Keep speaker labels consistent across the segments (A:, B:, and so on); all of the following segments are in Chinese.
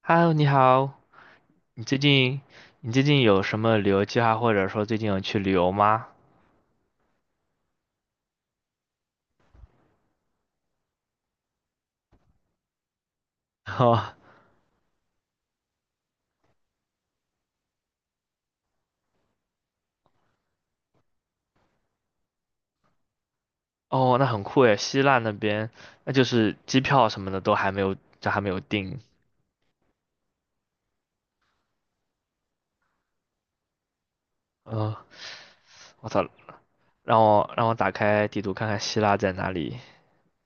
A: Hello，你好，你最近你最近有什么旅游计划，或者说最近有去旅游吗？哦，哦，那很酷诶，希腊那边，那就是机票什么的都还没有，这还没有定。嗯、我操，让我打开地图看看希腊在哪里。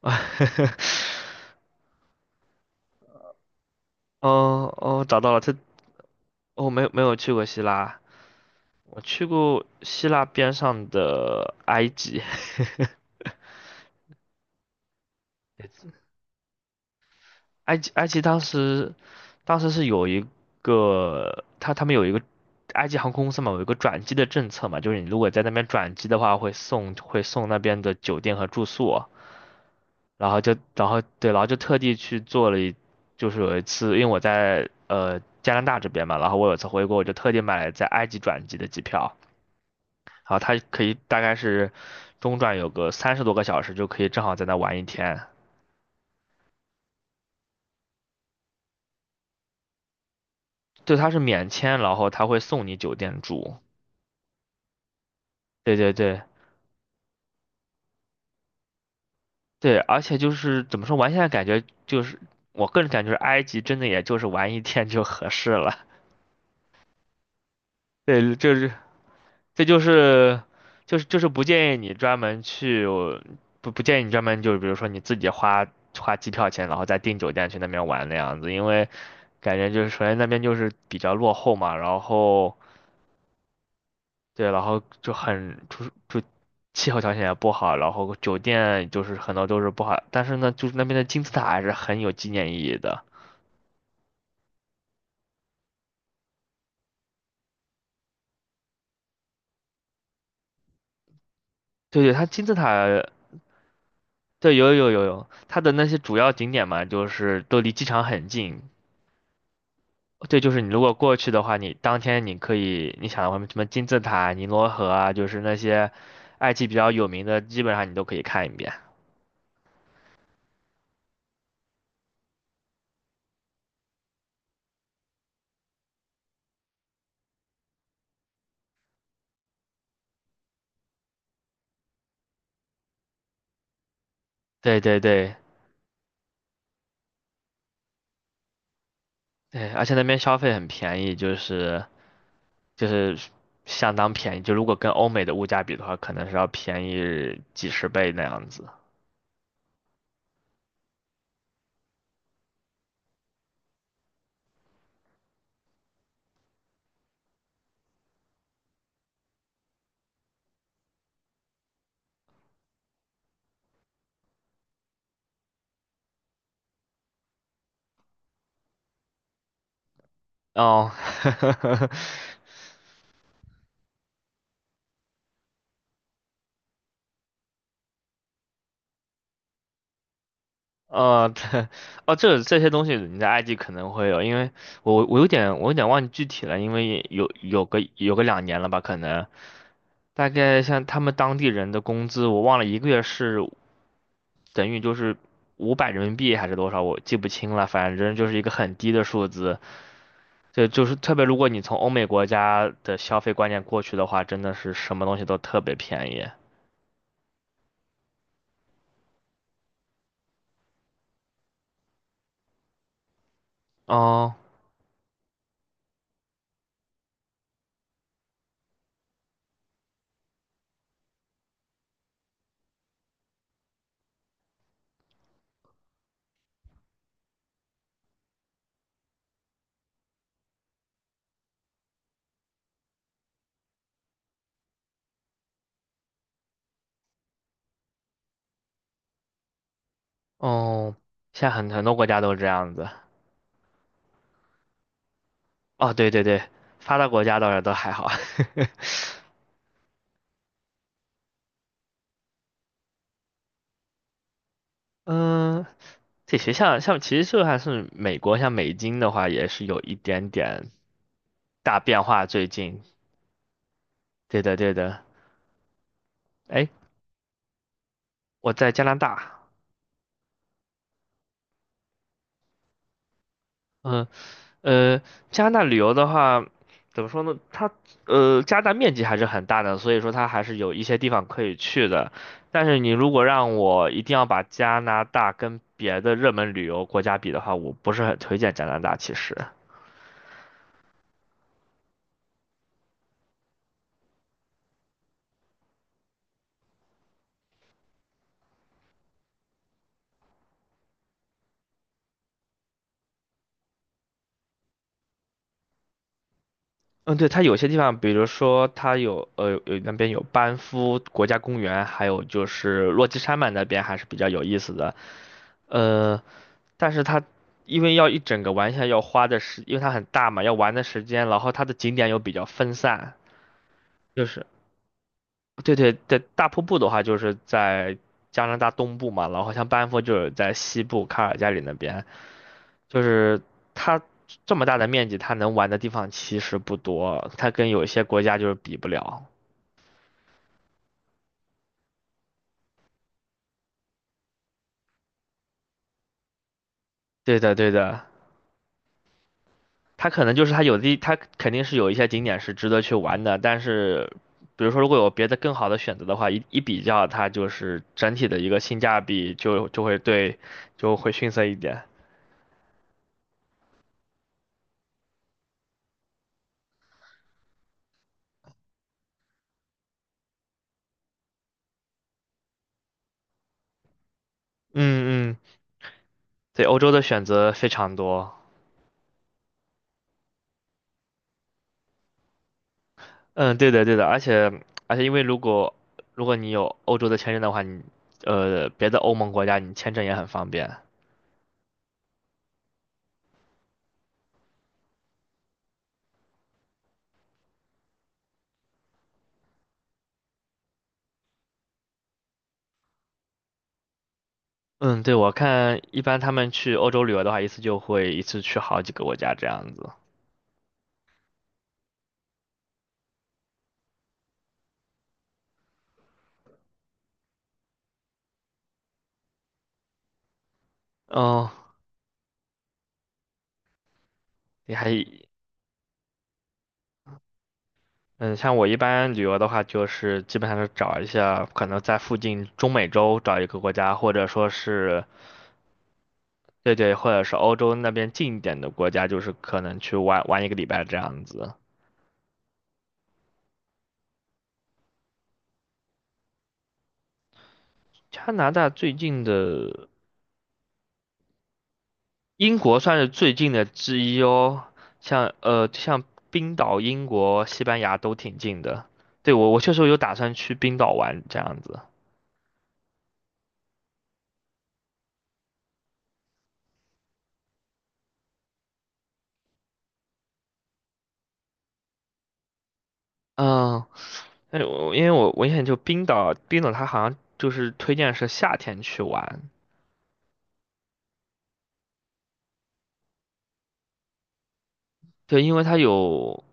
A: 哦哦，找到了，它没有去过希腊，我去过希腊边上的埃及。埃及当时是有一个他们有一个埃及航空公司嘛，有一个转机的政策嘛，就是你如果在那边转机的话，会送那边的酒店和住宿，然后就然后对，然后就特地去做了一，就是有一次，因为我在加拿大这边嘛，然后我有一次回国，我就特地买了在埃及转机的机票，然后它可以大概是中转有个30多个小时，就可以正好在那玩一天。对，它是免签，然后他会送你酒店住。对对对，对，而且就是怎么说，现在感觉就是我个人感觉，埃及真的也就是玩一天就合适了。对，就是这不建议你专门去，不建议你专门就是比如说你自己花机票钱，然后再订酒店去那边玩那样子，因为感觉就是首先那边就是比较落后嘛，然后对，然后就很就是气候条件也不好，然后酒店就是很多都是不好，但是呢，就是那边的金字塔还是很有纪念意义的。对对，它金字塔，对，有，它的那些主要景点嘛，就是都离机场很近。对，就是你如果过去的话，你当天你可以，你想什么金字塔、尼罗河啊，就是那些埃及比较有名的，基本上你都可以看一遍。对对对对，而且那边消费很便宜，就是相当便宜，就如果跟欧美的物价比的话，可能是要便宜几十倍那样子。哦，对，哦，这些东西你在埃及可能会有，因为我我有点忘记具体了，因为有个2年了吧，可能大概像他们当地人的工资，我忘了一个月是等于就是500人民币还是多少，我记不清了，反正就是一个很低的数字。对，就是特别如果你从欧美国家的消费观念过去的话，真的是什么东西都特别便宜。哦哦，现在很多国家都是这样子。哦，对对对，发达国家倒是都还好。嗯，这学校像其实就算是美国，像美金的话，也是有一点点大变化。最近，对的对的。哎，我在加拿大，嗯，呃，加拿大旅游的话，怎么说呢？它加拿大面积还是很大的，所以说它还是有一些地方可以去的。但是你如果让我一定要把加拿大跟别的热门旅游国家比的话，我不是很推荐加拿大，其实。嗯，对，它有些地方，比如说它有那边有班夫国家公园，还有就是落基山脉那边还是比较有意思的。呃，但是它因为要一整个玩下来要花的时，因为它很大嘛，要玩的时间，然后它的景点又比较分散。就是对对对，大瀑布的话就是在加拿大东部嘛，然后像班夫就是在西部卡尔加里那边，就是它这么大的面积，它能玩的地方其实不多，它跟有一些国家就是比不了。对的，对的，它可能就是它有的，它肯定是有一些景点是值得去玩的，但是，比如说如果有别的更好的选择的话，一一比较，它就是整体的一个性价比就会对，就会逊色一点。嗯嗯，对，欧洲的选择非常多。嗯，对的对的，而且因为如果你有欧洲的签证的话，你别的欧盟国家你签证也很方便。嗯，对，我看一般他们去欧洲旅游的话，一次就会一次去好几个国家这样子。嗯，你还，嗯，像我一般旅游的话，就是基本上是找一下可能在附近中美洲找一个国家，或者说是，对对，或者是欧洲那边近一点的国家，就是可能去玩玩一个礼拜这样子。加拿大最近的，英国算是最近的之一哦，像冰岛、英国、西班牙都挺近的。对，我我确实有打算去冰岛玩这样子。嗯，但是我因为我我印象就冰岛，冰岛它好像就是推荐是夏天去玩，对，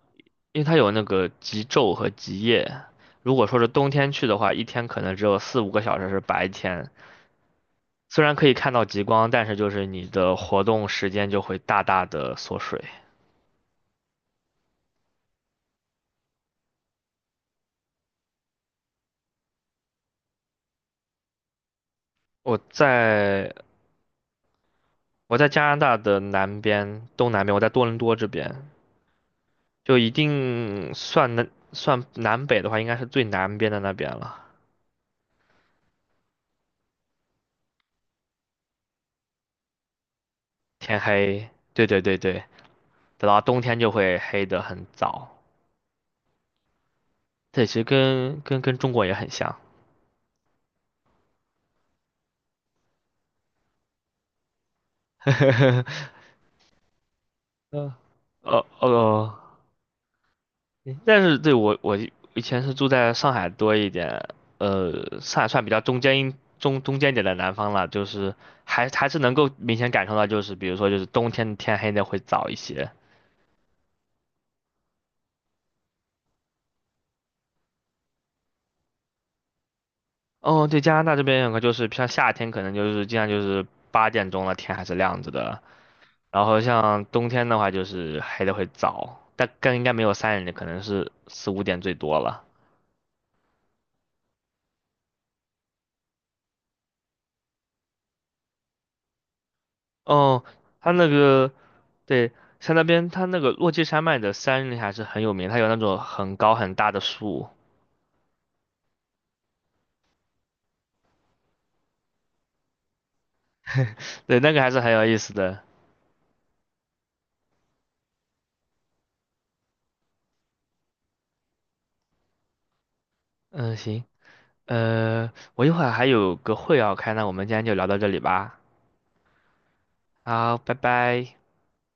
A: 因为它有那个极昼和极夜。如果说是冬天去的话，一天可能只有4、5个小时是白天，虽然可以看到极光，但是就是你的活动时间就会大大的缩水。我在我在加拿大的南边，东南边，我在多伦多这边，就一定算南北的话，应该是最南边的那边了。天黑，对对对对。等到冬天就会黑得很早。这其实跟跟中国也很像。嗯，呃呃，但是对我以前是住在上海多一点，上海算比较中间点的南方了，就是还是能够明显感受到，就是比如说就是冬天天黑的会早一些。哦，对，加拿大这边有个就是像夏天可能就是经常就是8点钟了，天还是亮着的。然后像冬天的话，就是黑的会早，但更应该没有3点的，可能是4、5点最多了。哦，它那个对，像那边它那个落基山脉的山林还是很有名，它有那种很高很大的树，对，那个还是很有意思的。嗯，行，我一会儿还有个会要开，那我们今天就聊到这里吧。好，拜拜。